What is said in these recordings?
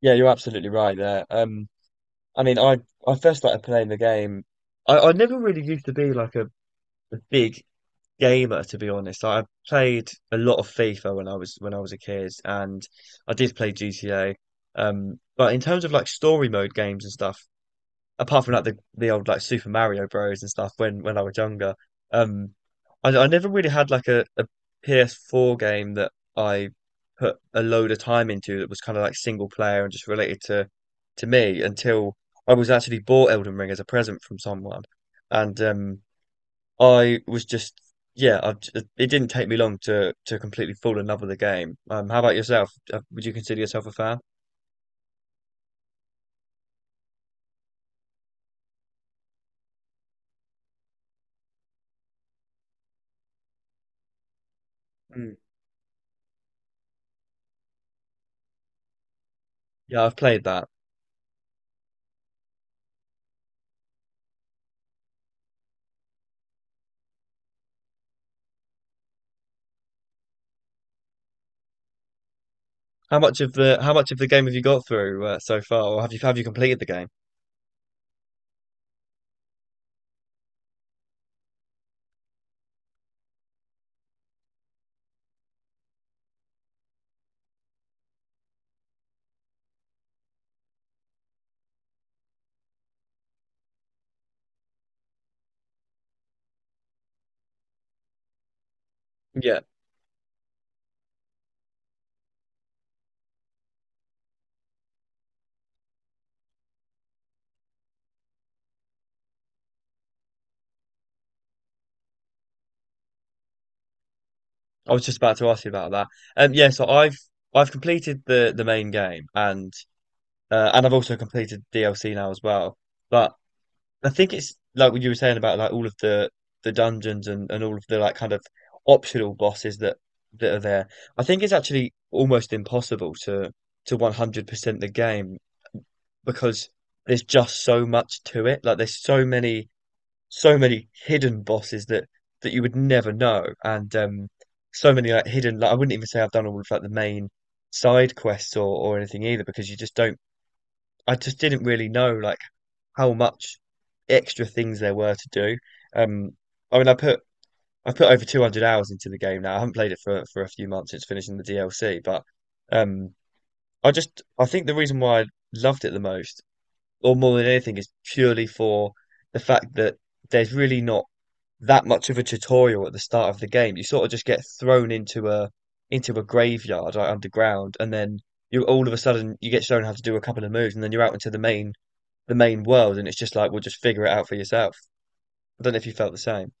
Yeah, you're absolutely right there. I mean, I first started playing the game. I never really used to be like a big gamer, to be honest. I played a lot of FIFA when I was a kid, and I did play GTA. But in terms of like story mode games and stuff, apart from like the old like Super Mario Bros and stuff when I was younger. Um, I never really had like PS4 game that I put a load of time into that was kind of like single player and just related to me until I was actually bought Elden Ring as a present from someone, and I was just yeah, it didn't take me long to completely fall in love with the game. How about yourself? Would you consider yourself a fan? Mm. Yeah, I've played that. How much of the game have you got through so far, or have you completed the game? Yeah, I was just about to ask you about that. Yeah, so I've completed the main game, and I've also completed DLC now as well. But I think it's like what you were saying about like all of the dungeons and all of the like kind of optional bosses that that are there. I think it's actually almost impossible to 100% the game because there's just so much to it. Like there's so many so many hidden bosses that that you would never know, and so many like hidden. Like I wouldn't even say I've done all of like the main side quests or anything either, because you just don't. I just didn't really know like how much extra things there were to do. Um, I mean, I put over 200 hours into the game now. I haven't played it for a few months since finishing the DLC, but um, I just I think the reason why I loved it the most, or more than anything, is purely for the fact that there's really not that much of a tutorial at the start of the game. You sort of just get thrown into a graveyard like underground, and then you all of a sudden you get shown how to do a couple of moves, and then you're out into the main world, and it's just like, well, just figure it out for yourself. I don't know if you felt the same.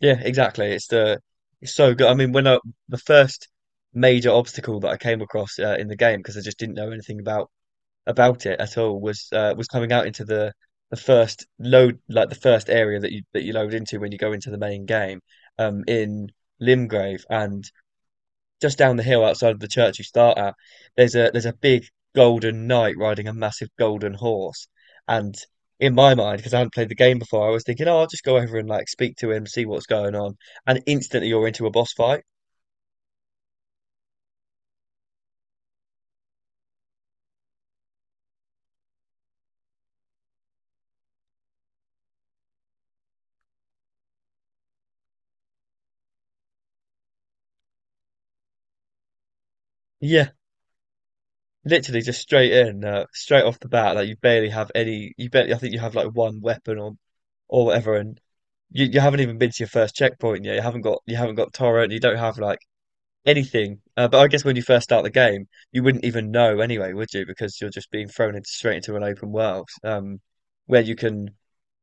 Yeah, exactly. It's so good. I mean, when I the first major obstacle that I came across in the game because I just didn't know anything about it at all was coming out into the first load like the first area that you load into when you go into the main game in Limgrave, and just down the hill outside of the church you start at, there's a big golden knight riding a massive golden horse. And in my mind, because I hadn't played the game before, I was thinking, oh, I'll just go over and like speak to him, see what's going on, and instantly you're into a boss fight. Yeah, literally just straight in, straight off the bat. Like you barely have any. You barely. I think you have like one weapon or whatever, and you haven't even been to your first checkpoint yet. You haven't got torrent. You don't have like anything. But I guess when you first start the game, you wouldn't even know anyway, would you? Because you're just being thrown into straight into an open world, where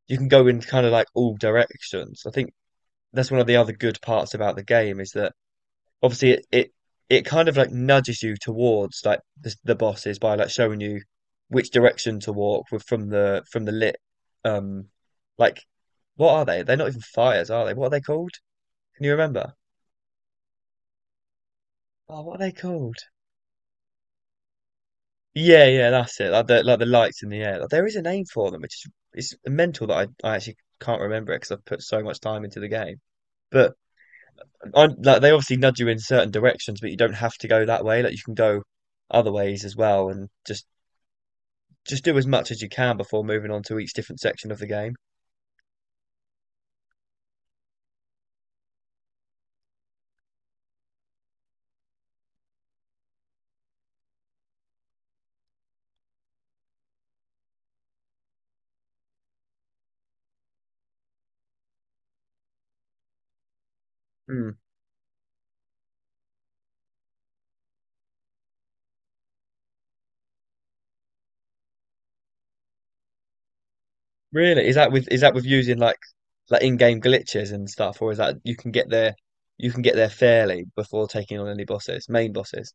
you can go in kind of like all directions. I think that's one of the other good parts about the game is that obviously it kind of like nudges you towards like the bosses by like showing you which direction to walk with from the lit um like, what are they? They're not even fires, are they? What are they called? Can you remember? Oh, what are they called? Yeah, yeah, that's it. Like the lights in the air. Like, there is a name for them, which is it's mental that I actually can't remember it because I've put so much time into the game. But I, like, they obviously nudge you in certain directions, but you don't have to go that way. Like you can go other ways as well, and just do as much as you can before moving on to each different section of the game. Hmm. Really? Is that with using like in-game glitches and stuff, or is that you can get there, you can get there fairly, before taking on any bosses, main bosses?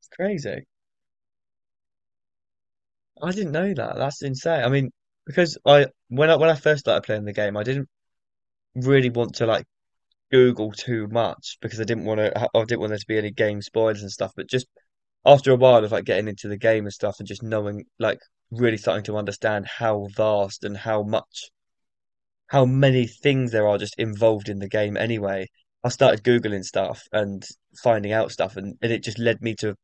It's crazy. I didn't know that. That's insane. I mean, because I when I when I first started playing the game, I didn't really want to like Google too much because I didn't want to. I didn't want there to be any game spoilers and stuff. But just after a while of like getting into the game and stuff, and just knowing, like, really starting to understand how vast and how many things there are just involved in the game. Anyway, I started googling stuff and finding out stuff, and it just led me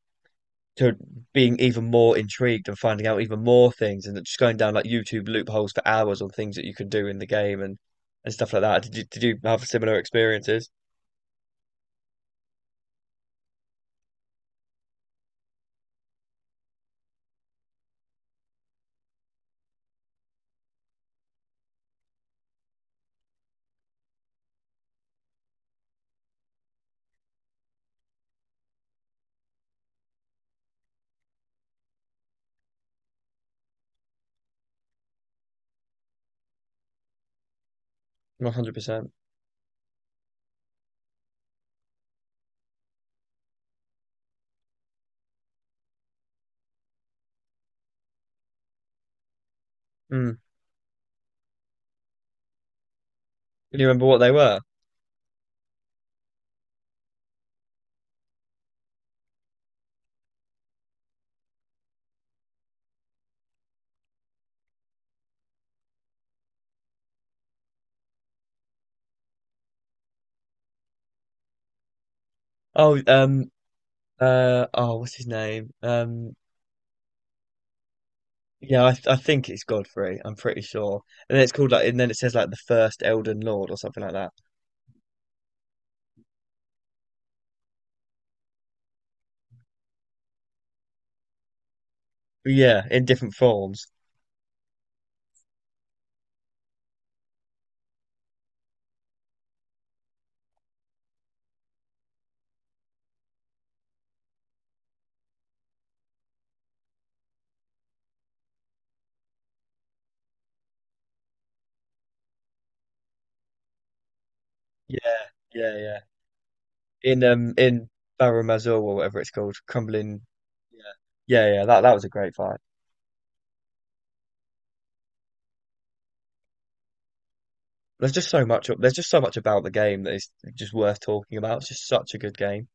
to being even more intrigued and finding out even more things, and just going down like YouTube loopholes for hours on things that you could do in the game and stuff like that. Did you have similar experiences? 100%. Mm. Do you remember what they were? Oh, oh, what's his name? Yeah, I think it's Godfrey. I'm pretty sure. And then it's called like, and then it says like the first Elden Lord or something like that. But yeah, in different forms. Yeah, yeah, yeah. In Barrow Mazor or whatever it's called, Crumbling. Yeah, yeah, yeah. That was a great fight. There's just so much. There's just so much about the game that is just worth talking about. It's just such a good game.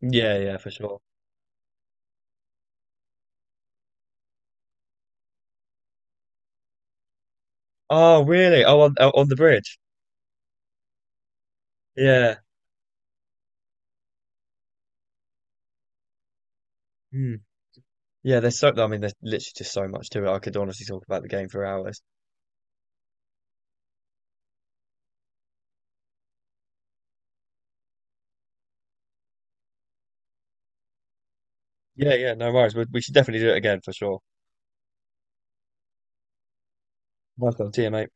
Yeah, yeah, for sure. Oh, really? Oh, on, oh, on the bridge. Yeah. Hmm. Yeah, there's so, I mean, there's literally just so much to it. I could honestly talk about the game for hours. Yeah, yeah, no worries. We should definitely do it again for sure. Welcome. See you, mate.